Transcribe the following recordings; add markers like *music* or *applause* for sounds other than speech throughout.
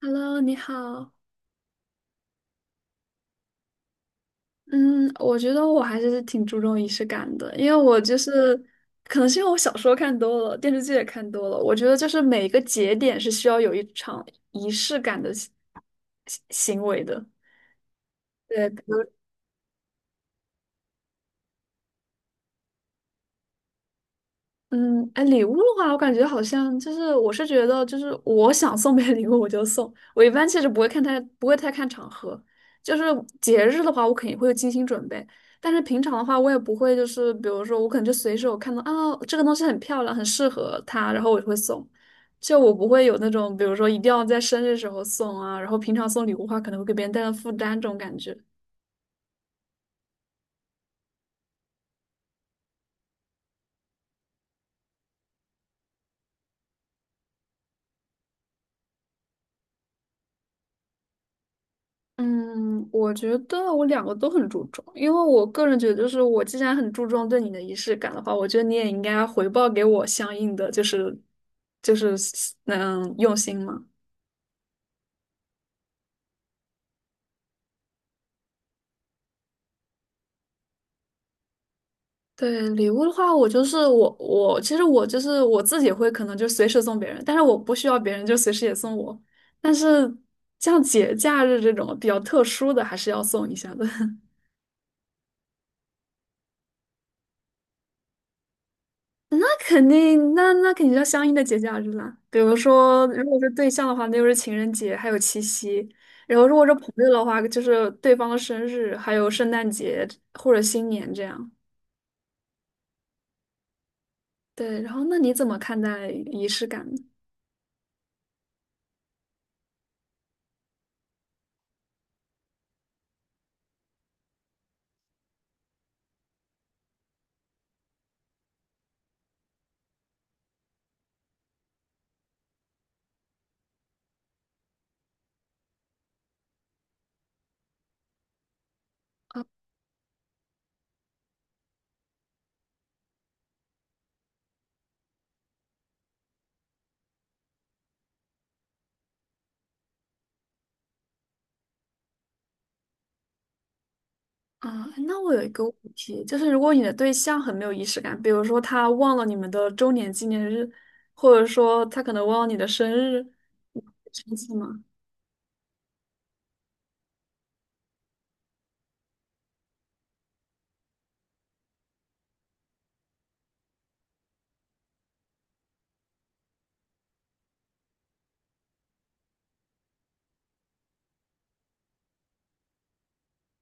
Hello，你好。嗯，我觉得我还是挺注重仪式感的，因为我就是，可能是因为我小说看多了，电视剧也看多了，我觉得就是每一个节点是需要有一场仪式感的行为的。对，比如嗯，哎，礼物的话，我感觉好像就是，我是觉得就是我想送别人礼物我就送，我一般其实不会太看场合，就是节日的话，我肯定会精心准备，但是平常的话，我也不会，就是比如说我可能就随手看到啊这个东西很漂亮，很适合他，然后我就会送，就我不会有那种比如说一定要在生日时候送啊，然后平常送礼物的话，可能会给别人带来负担这种感觉。嗯，我觉得我两个都很注重，因为我个人觉得，就是我既然很注重对你的仪式感的话，我觉得你也应该回报给我相应的，就是就是用心嘛。对，礼物的话，我其实我就是我自己会可能就随时送别人，但是我不需要别人就随时也送我，但是像节假日这种比较特殊的，还是要送一下的。*laughs* 肯定，那肯定要相应的节假日啦。比如说，如果是对象的话，那就是情人节，还有七夕；然后如果是朋友的话，就是对方的生日，还有圣诞节或者新年这样。对，然后那你怎么看待仪式感呢？啊，那我有一个问题，就是如果你的对象很没有仪式感，比如说他忘了你们的周年纪念日，或者说他可能忘了你的生日，你会生气吗？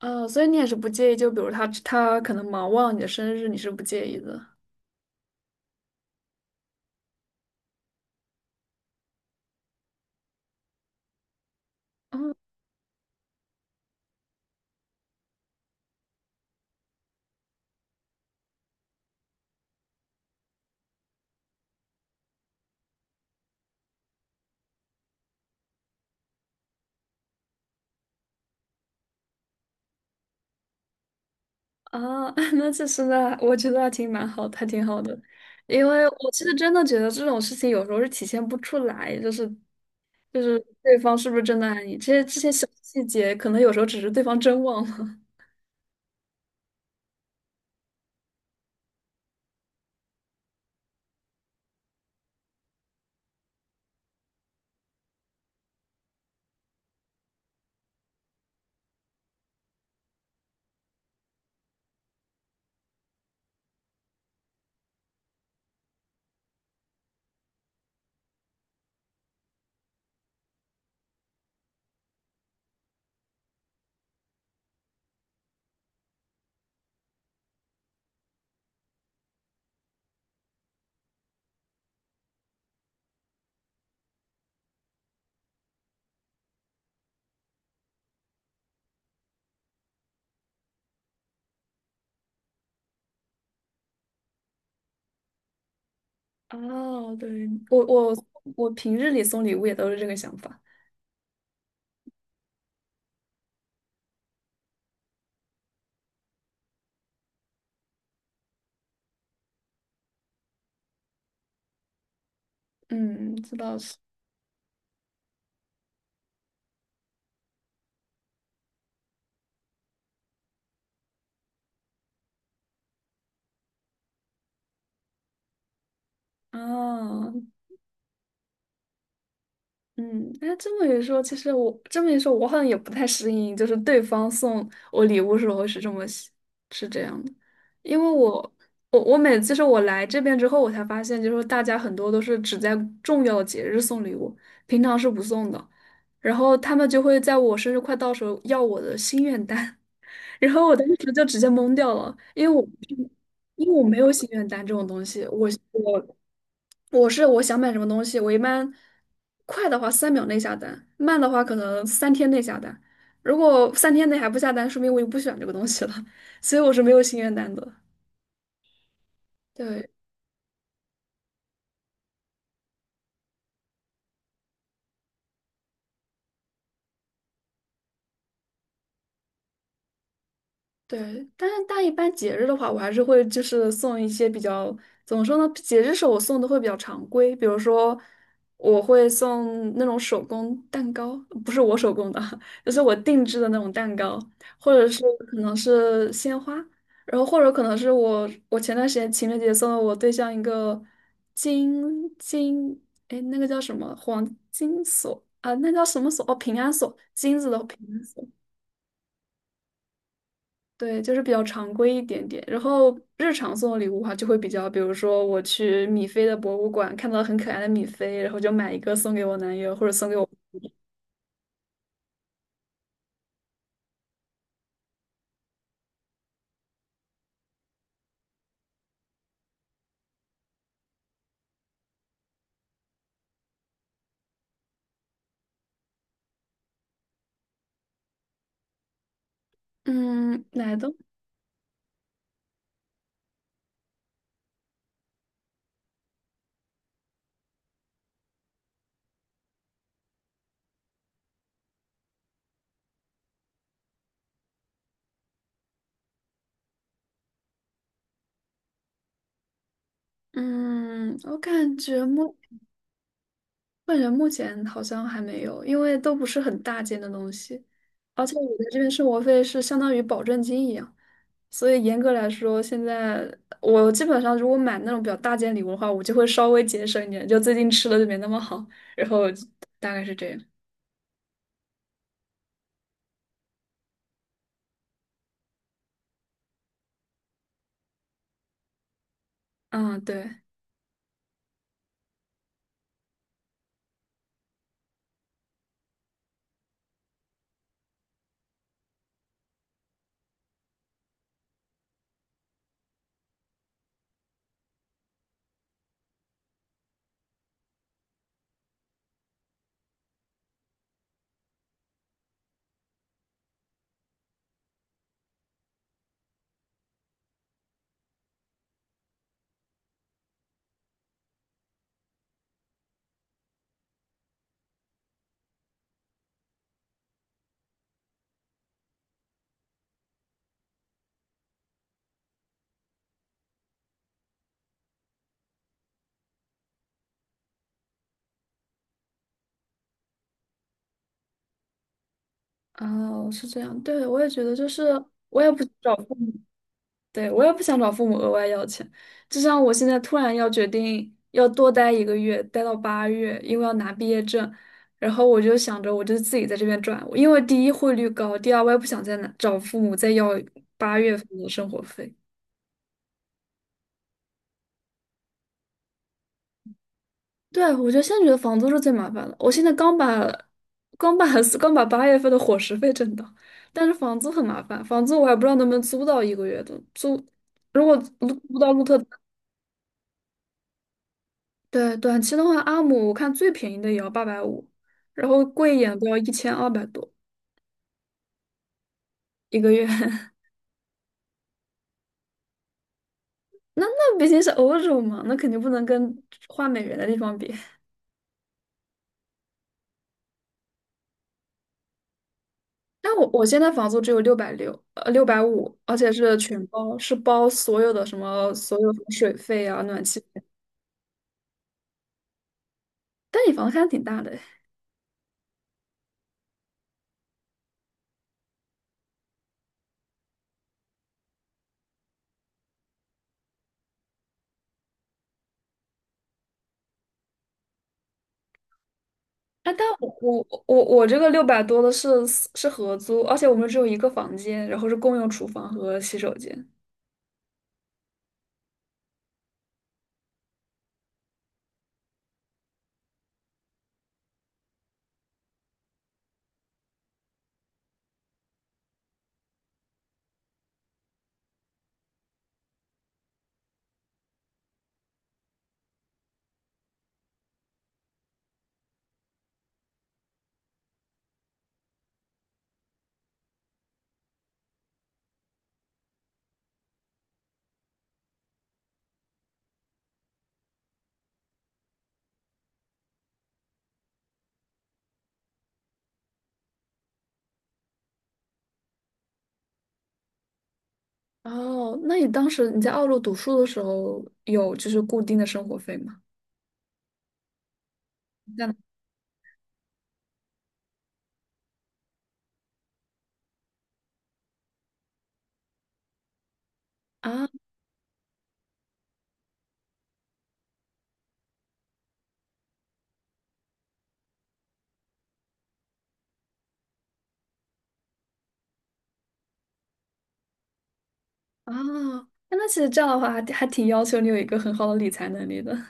所以你也是不介意，就比如他可能忙忘了你的生日，你是不介意的。哦，啊，*laughs* 那其实呢，我觉得还挺蛮好的，还挺好的，因为我其实真的觉得这种事情有时候是体现不出来，就是对方是不是真的爱你，这些这些小细节，可能有时候只是对方真忘了。*laughs* 哦，对，我平日里送礼物也都是这个想法。嗯，这倒是。哦，嗯，哎，这么一说，其实我这么一说，我好像也不太适应，就是对方送我礼物时候是这么喜是这样的，因为我每次是我来这边之后，我才发现，就是大家很多都是只在重要的节日送礼物，平常是不送的，然后他们就会在我生日快到时候要我的心愿单，*laughs* 然后我当时就直接懵掉了，因为我因为我没有心愿单这种东西，我想买什么东西，我一般快的话3秒内下单，慢的话可能三天内下单。如果三天内还不下单，说明我就不喜欢这个东西了，*laughs* 所以我是没有心愿单的。对，对，但一般节日的话，我还是会就是送一些比较，怎么说呢？节日时候我送的会比较常规，比如说我会送那种手工蛋糕，不是我手工的，*laughs* 就是我定制的那种蛋糕，或者是可能是鲜花，然后或者可能是我前段时间情人节送了我对象一个金金，哎，那个叫什么黄金锁啊？那叫什么锁？哦，平安锁，金子的平安锁。对，就是比较常规一点点。然后日常送的礼物的话，就会比较，比如说我去米菲的博物馆看到很可爱的米菲，然后就买一个送给我男友，或者送给我，嗯，哪都，嗯，我感觉目前好像还没有，因为都不是很大件的东西，而且我在这边生活费是相当于保证金一样，所以严格来说，现在我基本上如果买那种比较大件礼物的话，我就会稍微节省一点，就最近吃的就没那么好，然后大概是这样。嗯，对，哦，是这样，对，我也觉得就是我也不找父母，对，我也不想找父母额外要钱，就像我现在突然要决定要多待一个月，待到八月，因为要拿毕业证，然后我就想着我就自己在这边赚，因为第一汇率高，第二我也不想再拿找父母再要八月份的生活费。对，我觉得现在觉得房租是最麻烦的，我现在刚把刚把 *laughs* 刚把8月份的伙食费挣到，但是房租很麻烦，房租我还不知道能不能租到一个月的租，如果租不到鹿特。对，短期的话，阿姆我看最便宜的也要850，然后贵一点都要1200多一个月。*laughs* 那毕竟是欧洲嘛，那肯定不能跟换美元的地方比。但我现在房租只有660，650，而且是全包，是包所有的什么所有什么水费啊、暖气费。但你房子还挺大的哎，啊，但我这个600多的是合租，而且我们只有一个房间，然后是共用厨房和洗手间。哦，那你当时你在澳洲读书的时候，有就是固定的生活费吗？在哪啊？啊，那其实这样的话还挺要求你有一个很好的理财能力的。*laughs*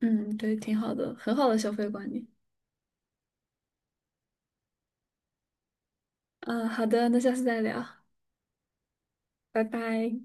嗯，对，挺好的，很好的消费观念。嗯，好的，那下次再聊，拜拜。